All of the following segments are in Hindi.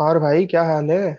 और भाई क्या हाल है।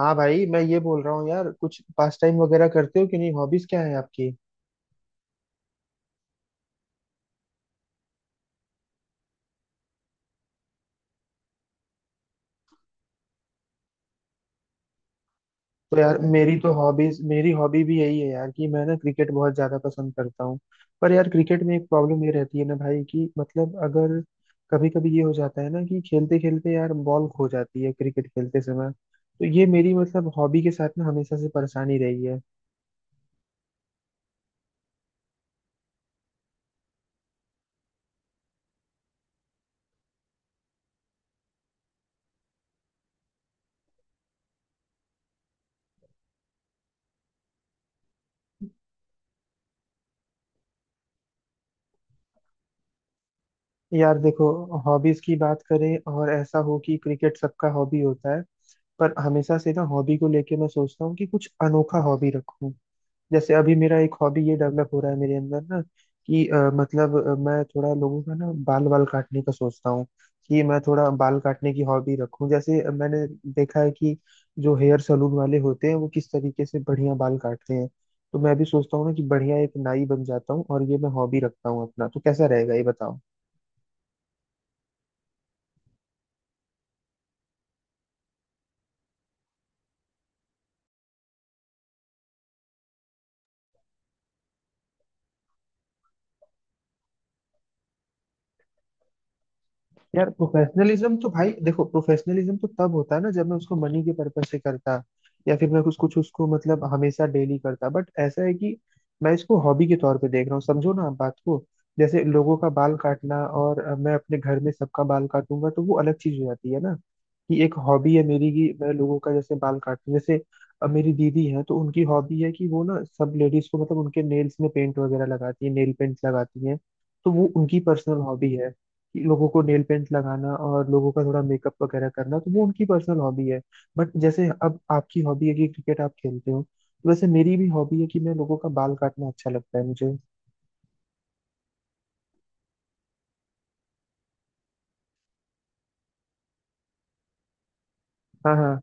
हाँ भाई मैं ये बोल रहा हूँ यार, कुछ पास टाइम वगैरह करते हो कि नहीं? हॉबीज क्या है आपकी? तो यार मेरी तो हॉबीज, मेरी हॉबी भी यही है यार कि मैं ना क्रिकेट बहुत ज्यादा पसंद करता हूँ। पर यार क्रिकेट में एक प्रॉब्लम ये रहती है ना भाई कि मतलब अगर कभी कभी ये हो जाता है ना कि खेलते खेलते यार बॉल खो जाती है क्रिकेट खेलते समय, तो ये मेरी मतलब हॉबी के साथ ना हमेशा से परेशानी रही है। यार देखो, हॉबीज की बात करें और ऐसा हो कि क्रिकेट सबका हॉबी होता है। पर हमेशा से ना हॉबी को लेके मैं सोचता हूँ कि कुछ अनोखा हॉबी रखूं। जैसे अभी मेरा एक हॉबी ये डेवलप हो रहा है मेरे अंदर ना कि मतलब मैं थोड़ा लोगों का ना बाल बाल काटने का सोचता हूँ। कि मैं थोड़ा बाल काटने की हॉबी रखूं। जैसे मैंने देखा है कि जो हेयर सलून वाले होते हैं वो किस तरीके से बढ़िया बाल काटते हैं। तो मैं भी सोचता हूँ ना कि बढ़िया एक नाई बन जाता हूँ और ये मैं हॉबी रखता हूँ अपना, तो कैसा रहेगा ये बताओ? यार प्रोफेशनलिज्म तो भाई देखो, प्रोफेशनलिज्म तो तब होता है ना जब मैं उसको मनी के पर्पज से करता, या फिर मैं कुछ कुछ उसको मतलब हमेशा डेली करता। बट ऐसा है कि मैं इसको हॉबी के तौर पे देख रहा हूँ, समझो ना आप बात को। जैसे लोगों का बाल काटना, और मैं अपने घर में सबका बाल काटूंगा तो वो अलग चीज हो जाती है ना कि एक हॉबी है मेरी कि मैं लोगों का जैसे बाल काटूं। जैसे मेरी दीदी है तो उनकी हॉबी है कि वो ना सब लेडीज को मतलब उनके नेल्स में पेंट वगैरह लगाती है, नेल पेंट लगाती है। तो वो उनकी पर्सनल हॉबी है कि लोगों को नेल पेंट लगाना और लोगों का थोड़ा मेकअप वगैरह करना, तो वो उनकी पर्सनल हॉबी है। बट जैसे अब आपकी हॉबी है कि क्रिकेट आप खेलते हो, तो वैसे मेरी भी हॉबी है कि मैं लोगों का बाल काटना अच्छा लगता है मुझे। हाँ हाँ।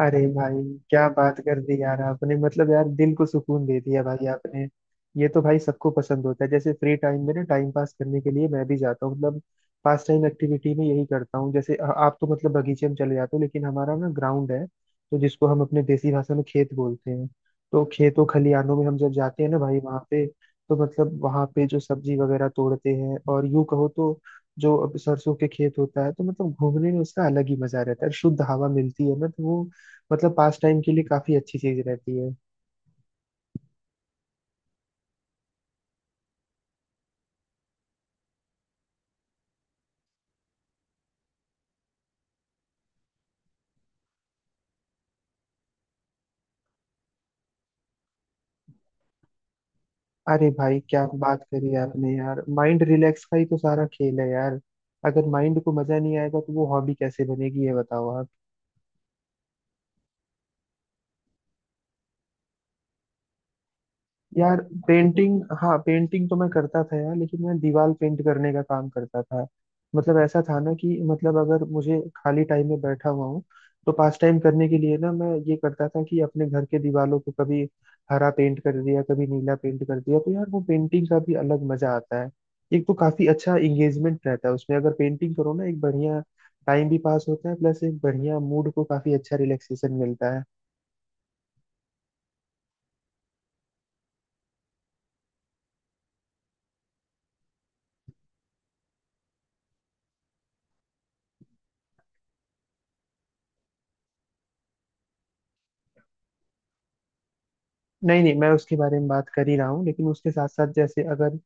अरे भाई क्या बात कर दी यार आपने, मतलब यार दिल को सुकून दे दिया भाई आपने। ये तो भाई सबको पसंद होता है। जैसे फ्री टाइम में ना टाइम पास करने के लिए मैं भी जाता हूँ, मतलब पास टाइम एक्टिविटी में यही करता हूँ। जैसे आप तो मतलब बगीचे में चले जाते हो, लेकिन हमारा ना ग्राउंड है तो जिसको हम अपने देसी भाषा में खेत बोलते हैं। तो खेतों खलिहानों में हम जब जाते हैं ना भाई वहाँ पे, तो मतलब वहाँ पे जो सब्जी वगैरह तोड़ते हैं, और यूं कहो तो जो अब सरसों के खेत होता है, तो मतलब घूमने में उसका अलग ही मजा रहता है, शुद्ध हवा मिलती है ना, तो वो मतलब पास टाइम के लिए काफी अच्छी चीज रहती है। अरे भाई क्या बात करी आपने यार, माइंड रिलैक्स का ही तो सारा खेल है यार। अगर माइंड को मजा नहीं आएगा तो वो हॉबी कैसे बनेगी, ये बताओ आप। यार पेंटिंग, हाँ पेंटिंग तो मैं करता था यार, लेकिन मैं दीवार पेंट करने का काम करता था। मतलब ऐसा था ना कि मतलब अगर मुझे खाली टाइम में बैठा हुआ हूँ, तो पास टाइम करने के लिए ना मैं ये करता था कि अपने घर के दीवारों को कभी हरा पेंट कर दिया, कभी नीला पेंट कर दिया, तो यार वो पेंटिंग का भी अलग मजा आता है। एक तो काफी अच्छा एंगेजमेंट रहता है उसमें, अगर पेंटिंग करो ना, एक बढ़िया टाइम भी पास होता है, प्लस एक बढ़िया मूड को काफी अच्छा रिलैक्सेशन मिलता है। नहीं नहीं, मैं उसके बारे में बात कर ही रहा हूँ, लेकिन उसके साथ साथ जैसे अगर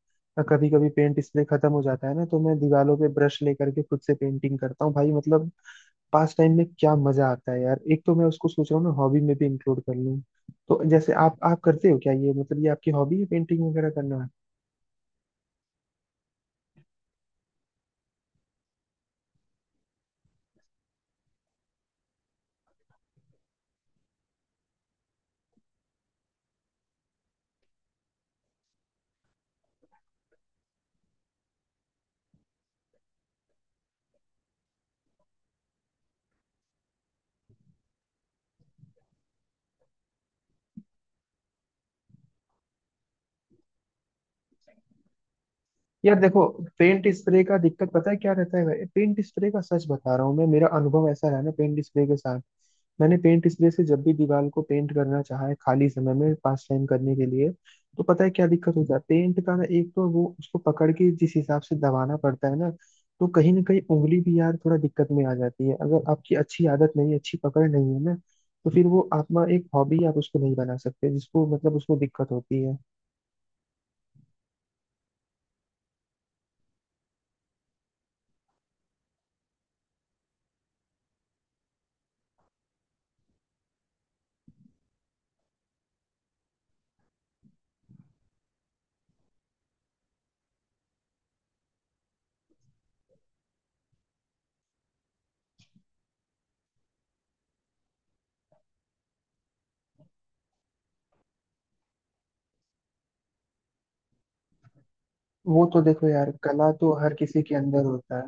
कभी कभी पेंट स्प्रे खत्म हो जाता है ना, तो मैं दीवारों पे ब्रश लेकर के खुद से पेंटिंग करता हूँ भाई। मतलब पास टाइम में क्या मजा आता है यार, एक तो मैं उसको सोच रहा हूँ ना हॉबी में भी इंक्लूड कर लूँ। तो जैसे आप करते हो क्या ये, मतलब ये आपकी हॉबी है पेंटिंग वगैरह करना? यार देखो, पेंट स्प्रे का दिक्कत पता है क्या रहता है भाई, पेंट स्प्रे का सच बता रहा हूँ मैं, मेरा अनुभव ऐसा रहा ना पेंट स्प्रे के साथ। मैंने पेंट स्प्रे से जब भी दीवार को पेंट करना चाहा है खाली समय में पास टाइम करने के लिए, तो पता है क्या दिक्कत होता है पेंट का ना, एक तो वो उसको पकड़ के जिस हिसाब से दबाना पड़ता है ना, तो कहीं ना कहीं उंगली भी यार थोड़ा दिक्कत में आ जाती है, अगर आपकी अच्छी आदत नहीं है, अच्छी पकड़ नहीं है ना, तो फिर वो आप एक हॉबी आप उसको नहीं बना सकते, जिसको मतलब उसको दिक्कत होती है। वो तो देखो यार, कला तो हर किसी के अंदर होता है।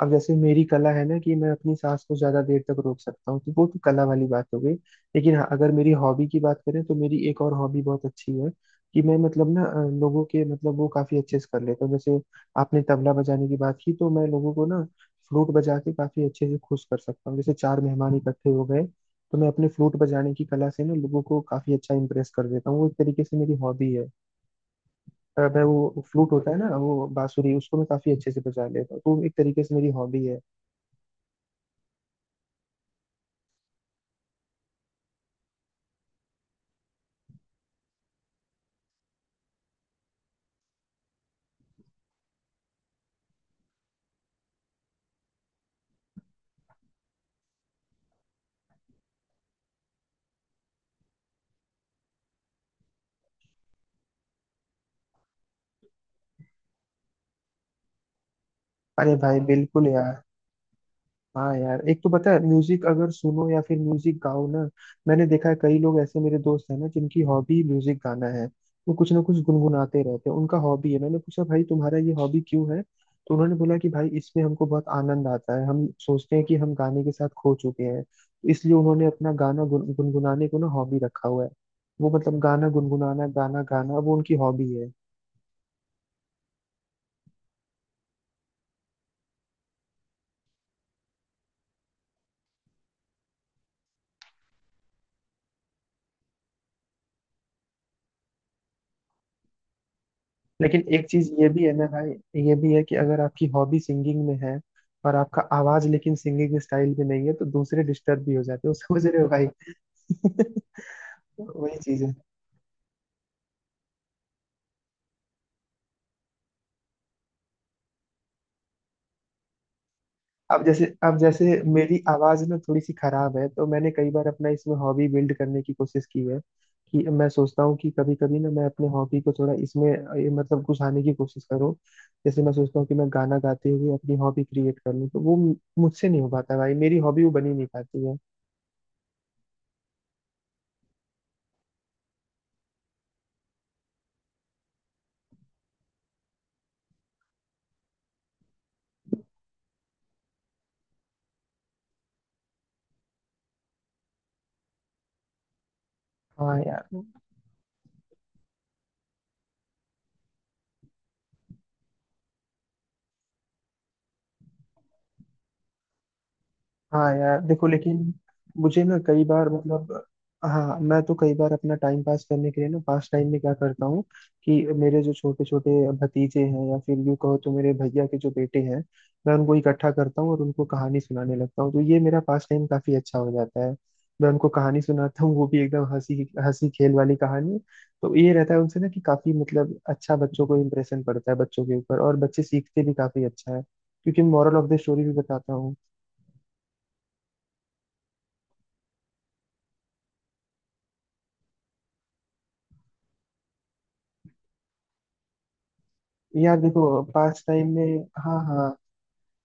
अब जैसे मेरी कला है ना कि मैं अपनी सांस को ज्यादा देर तक रोक सकता हूँ, तो वो तो कला वाली बात हो गई। लेकिन हाँ अगर मेरी हॉबी की बात करें तो मेरी एक और हॉबी बहुत अच्छी है कि मैं मतलब ना लोगों के मतलब वो काफी अच्छे से कर लेता हूँ। जैसे आपने तबला बजाने की बात की, तो मैं लोगों को ना फ्लूट बजा के काफी अच्छे से खुश कर सकता हूँ। जैसे चार मेहमान इकट्ठे हो गए, तो मैं अपने फ्लूट बजाने की कला से ना लोगों को काफी अच्छा इम्प्रेस कर देता हूँ, वो एक तरीके से मेरी हॉबी है। मैं वो फ्लूट होता है ना वो बांसुरी, उसको मैं काफी अच्छे से बजा लेता हूँ, तो एक तरीके से मेरी हॉबी है। अरे भाई बिल्कुल यार। हाँ यार, एक तो पता है म्यूजिक अगर सुनो या फिर म्यूजिक गाओ ना, मैंने देखा है कई लोग ऐसे मेरे दोस्त हैं ना जिनकी हॉबी म्यूजिक गाना है। वो कुछ ना कुछ गुनगुनाते रहते हैं, उनका हॉबी है। मैंने पूछा भाई तुम्हारा ये हॉबी क्यों है, तो उन्होंने बोला कि भाई इसमें हमको बहुत आनंद आता है, हम सोचते हैं कि हम गाने के साथ खो चुके हैं, इसलिए उन्होंने अपना गाना गुनगुनाने को ना हॉबी रखा हुआ है। वो मतलब गाना गुनगुनाना, गाना गाना, वो उनकी हॉबी है। लेकिन एक चीज ये भी है ना भाई, ये भी है कि अगर आपकी हॉबी सिंगिंग में है और आपका आवाज लेकिन सिंगिंग स्टाइल में नहीं है, तो दूसरे डिस्टर्ब भी हो जाते हो, समझ रहे हो भाई? वही चीज है। अब जैसे मेरी आवाज ना थोड़ी सी खराब है, तो मैंने कई बार अपना इसमें हॉबी बिल्ड करने की कोशिश की है कि मैं सोचता हूँ कि कभी कभी ना मैं अपने हॉबी को थोड़ा इसमें ये मतलब घुसाने की कोशिश करूँ। जैसे मैं सोचता हूँ कि मैं गाना गाते हुए अपनी हॉबी क्रिएट कर लूँ, तो वो मुझसे नहीं हो पाता भाई, मेरी हॉबी वो बनी नहीं पाती है। हाँ यार। हाँ यार देखो, लेकिन मुझे ना कई बार मतलब, हाँ मैं तो कई बार अपना टाइम पास करने के लिए ना पास टाइम में क्या करता हूँ कि मेरे जो छोटे छोटे भतीजे हैं या फिर यूँ कहो तो मेरे भैया के जो बेटे हैं, मैं उनको इकट्ठा करता हूँ और उनको कहानी सुनाने लगता हूँ, तो ये मेरा पास टाइम काफी अच्छा हो जाता है। मैं उनको कहानी सुनाता हूँ, वो भी एकदम हंसी हंसी खेल वाली कहानी। तो ये रहता है उनसे ना कि काफी मतलब अच्छा बच्चों को इम्प्रेशन पड़ता है बच्चों के ऊपर, और बच्चे सीखते भी काफी अच्छा है, क्योंकि मॉरल ऑफ द स्टोरी भी बताता हूँ। यार देखो पास टाइम में, हाँ हाँ,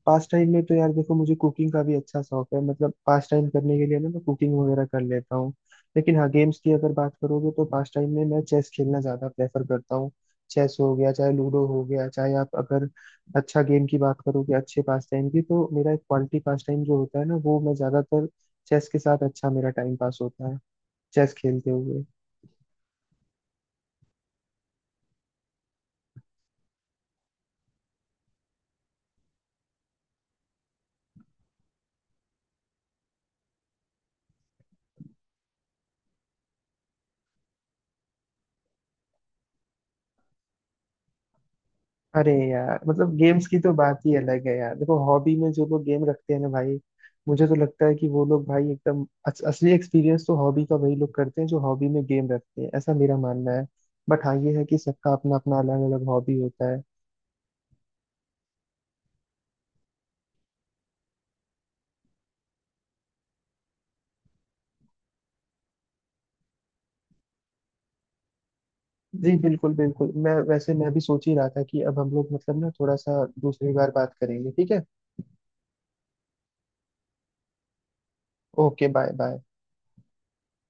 पास टाइम में तो यार देखो, मुझे कुकिंग का भी अच्छा शौक है, मतलब पास टाइम करने के लिए ना मैं कुकिंग वगैरह कर लेता हूँ। लेकिन हाँ गेम्स की अगर बात करोगे तो पास टाइम में मैं चेस खेलना ज्यादा प्रेफर करता हूँ। चेस हो गया, चाहे लूडो हो गया, चाहे आप अगर अच्छा गेम की बात करोगे, अच्छे पास टाइम की, तो मेरा एक क्वालिटी पास टाइम जो होता है ना, वो मैं ज्यादातर चेस के साथ अच्छा मेरा टाइम पास होता है, चेस खेलते हुए। अरे यार मतलब गेम्स की तो बात ही अलग है यार। देखो हॉबी में जो लोग गेम रखते हैं ना भाई, मुझे तो लगता है कि वो लोग भाई एकदम असली एक्सपीरियंस तो हॉबी का वही लोग करते हैं जो हॉबी में गेम रखते हैं, ऐसा मेरा मानना है। बट हाँ ये है कि सबका अपना अपना अलग अलग हॉबी होता है। जी बिल्कुल बिल्कुल, मैं वैसे मैं भी सोच ही रहा था कि अब हम लोग मतलब ना थोड़ा सा दूसरी बार बात करेंगे, ठीक है? Okay, bye bye.